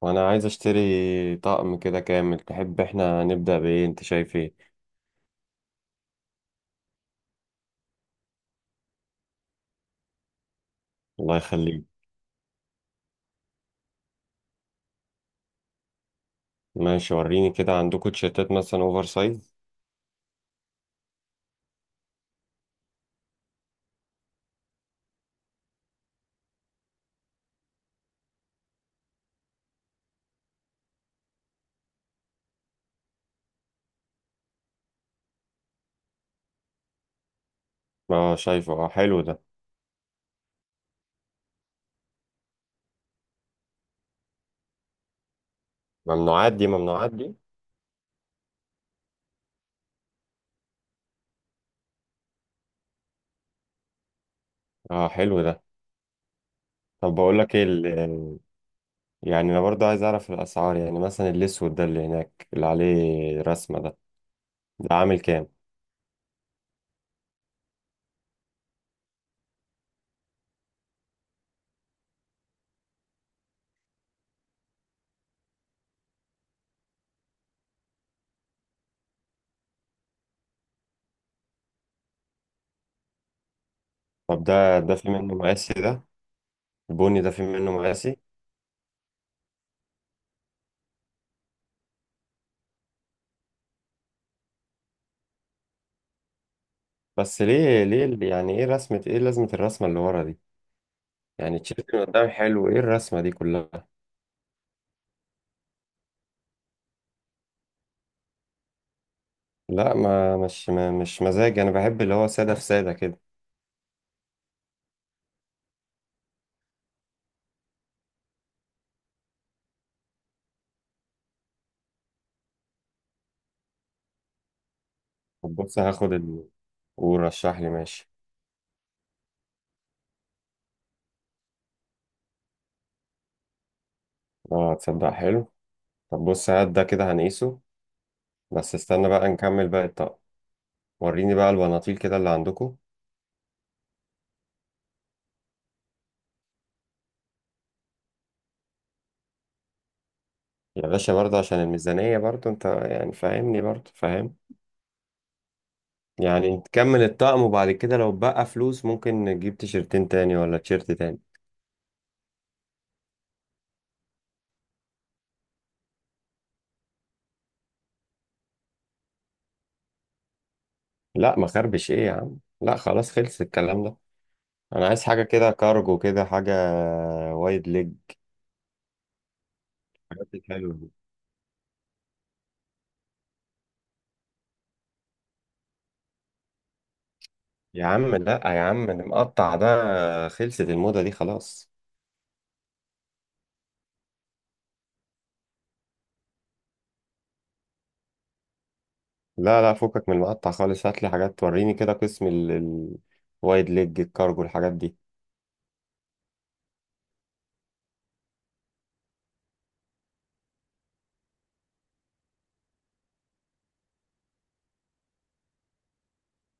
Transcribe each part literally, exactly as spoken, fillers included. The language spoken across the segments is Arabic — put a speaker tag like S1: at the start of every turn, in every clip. S1: وانا عايز اشتري طقم كده كامل، تحب احنا نبدأ بايه؟ انت شايف ايه؟ الله يخليك. ماشي، وريني كده عندكم تيشيرتات مثلا اوفر سايز. اه شايفه، اه حلو ده. ممنوعات دي؟ ممنوعات دي؟ اه حلو ده. طب بقول لك ايه ال- يعني انا برضه عايز اعرف الاسعار، يعني مثلا الاسود ده اللي هناك اللي عليه رسمة ده، ده عامل كام؟ طب ده ده في منه مقاسي؟ ده البني ده في منه مقاسي؟ بس ليه؟ ليه ال- يعني ايه رسمة؟ ايه لازمة الرسمة اللي ورا دي؟ يعني التيشيرت من قدام حلو، ايه الرسمة دي كلها؟ لا، ما مش ما مش مزاج، انا بحب اللي هو ساده في ساده كده. طب بص هاخد ال... ورشح لي، ماشي. اه تصدق حلو. طب بص هات ده كده هنقيسه. بس استنى بقى نكمل باقي الطقم. وريني بقى البناطيل كده اللي عندكم. يا باشا برضه عشان الميزانية، برضه انت يعني فاهمني، برضه فاهم. يعني نكمل الطقم، وبعد كده لو بقى فلوس ممكن نجيب تيشرتين تاني ولا تيشرت تاني. لا، ما خربش ايه يا عم، لا خلاص خلص الكلام ده. انا عايز حاجة كده كارجو كده حاجة، وايد ليج. حياتك حلوة. يا عم لا، يا عم المقطع ده خلصت الموضة دي خلاص. لا لا، فكك من المقطع خالص، هات لي حاجات توريني كده قسم ال- ال- الوايد ليج، الكارجو، الحاجات دي.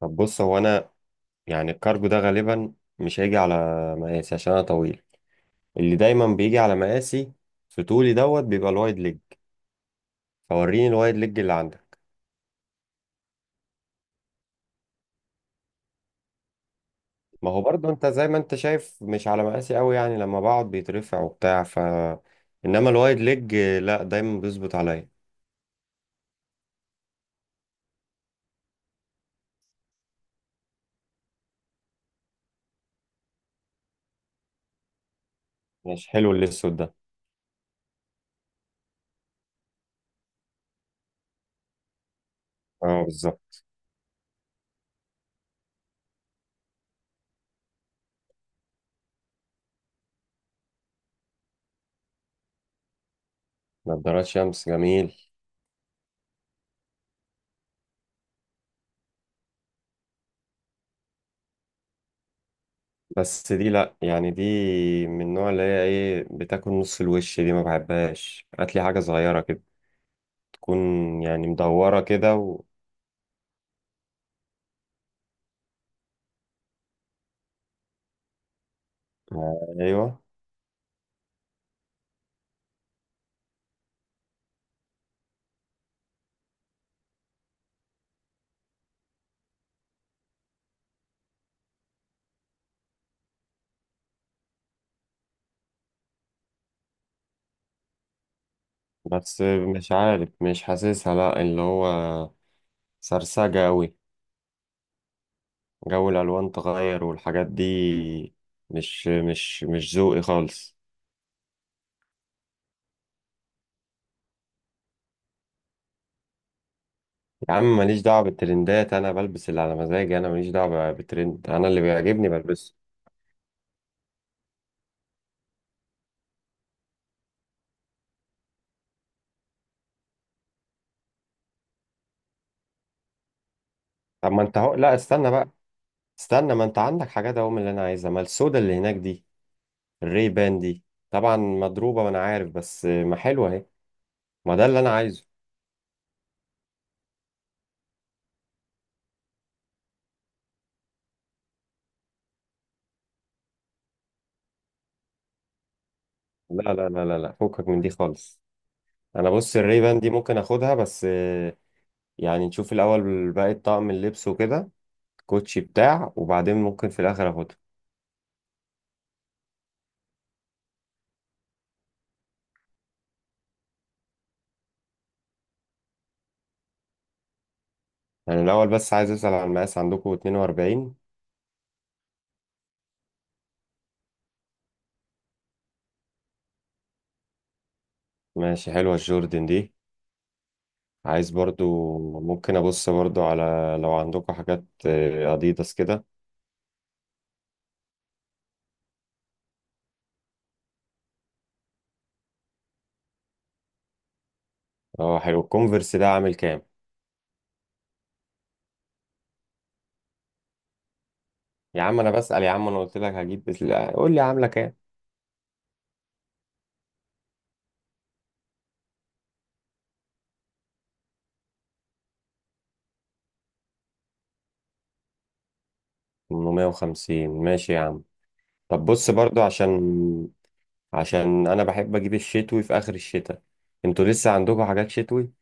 S1: طب بص هو انا يعني الكارجو ده غالبا مش هيجي على مقاسي عشان انا طويل، اللي دايما بيجي على مقاسي في طولي دوت بيبقى الوايد ليج، فوريني الوايد ليج اللي عندك. ما هو برضه انت زي ما انت شايف مش على مقاسي قوي، يعني لما بقعد بيترفع وبتاع، ف انما الوايد ليج لا دايما بيظبط عليا. مش حلو الاسود ده. اه بالظبط. نضارات شمس، جميل. بس دي لا، يعني دي من النوع اللي هي ايه، بتاكل نص الوش دي، ما بحبهاش، هات لي حاجه صغيره كده تكون، يعني مدوره كده و... آه، ايوه. بس مش عارف، مش حاسسها، لا اللي هو سرسجه قوي، جو الالوان تغير والحاجات دي، مش مش مش ذوقي خالص. يا عم ماليش دعوه بالترندات، انا بلبس اللي على مزاجي، انا ماليش دعوه بالترند، انا اللي بيعجبني بلبسه. طب ما انت هو لا، استنى بقى، استنى، ما انت عندك حاجات اهو من اللي انا عايزها، ما السودا اللي هناك دي، الري بان دي طبعا مضروبة وانا عارف، بس ما حلوة اهي، ما ده اللي انا عايزه. لا لا لا لا لا فكك من دي خالص. انا بص الري بان دي ممكن اخدها، بس آه، يعني نشوف الاول باقي طقم اللبس وكده، كوتشي بتاع، وبعدين ممكن في الاخر اخدها. يعني الاول بس عايز اسأل على المقاس، عندكم اتنين واربعين؟ ماشي، حلوة الجوردن دي. عايز برضو، ممكن ابص برضو على، لو عندكم حاجات آه، اديداس كده. اه حلو الكونفرس ده، عامل كام؟ يا عم انا بسأل، يا عم انا قلت لك هجيب، بس... لا، قول لي عامله كام. ثمانمائة وخمسين، ماشي يا عم. طب بص برضو عشان، عشان انا بحب اجيب الشتوي في اخر الشتاء، انتوا لسه عندكم حاجات شتوي؟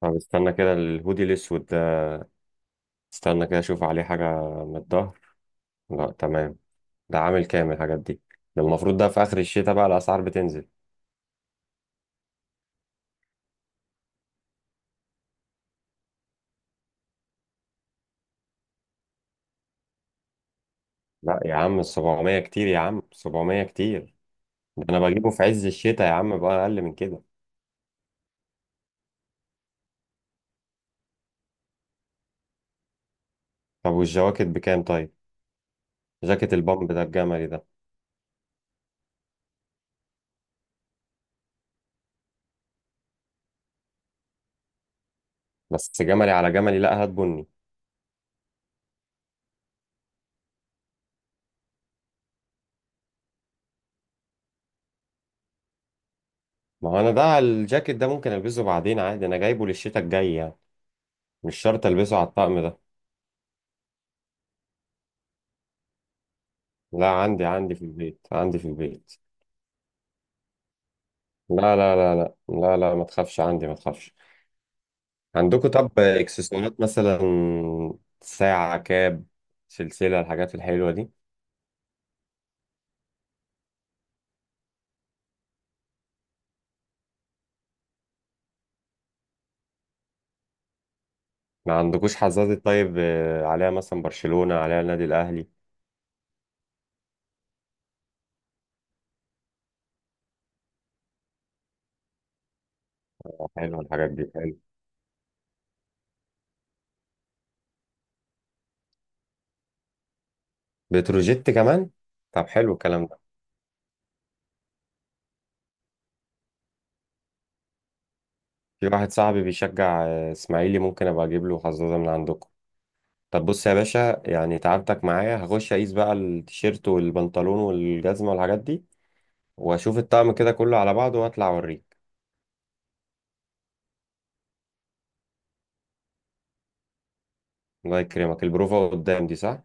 S1: طب استنى كده، الهودي الاسود ده، استنى كده اشوف عليه حاجه من الظهر. لا تمام. ده عامل كام الحاجات دي؟ ده المفروض ده في اخر الشتاء بقى الاسعار بتنزل. لا يا عم سبعمية كتير، يا عم سبعمية كتير، ده انا بجيبه في عز الشتاء يا عم بقى اقل من كده. طب والجواكت بكام طيب؟ جاكيت البامب ده الجملي ده. بس جملي على جملي، لا هات بني. ما هو انا ده الجاكيت ده ممكن البسه بعدين عادي، انا جايبه للشتاء الجاي يعني، مش شرط البسه على الطقم ده. لا، عندي، عندي في البيت عندي في البيت لا لا لا لا لا لا، ما تخافش، عندي، ما تخافش. عندكم طب اكسسوارات مثلا، ساعة، كاب، سلسلة، الحاجات الحلوة دي؟ ما عندكوش حزازة طيب آه، عليها مثلا برشلونة، عليها النادي الأهلي؟ آه، حلوة الحاجات دي، حلو. بتروجيت كمان؟ طب حلو الكلام ده. في واحد صاحبي بيشجع آه، اسماعيلي، ممكن ابقى اجيب له حظاظه من عندكم. طب بص يا باشا، يعني تعبتك معايا، هخش اقيس بقى التيشيرت والبنطلون والجزمه والحاجات دي، واشوف الطقم كده كله على بعضه واطلع اوريك. الله يكرمك، البروفه قدام دي صح؟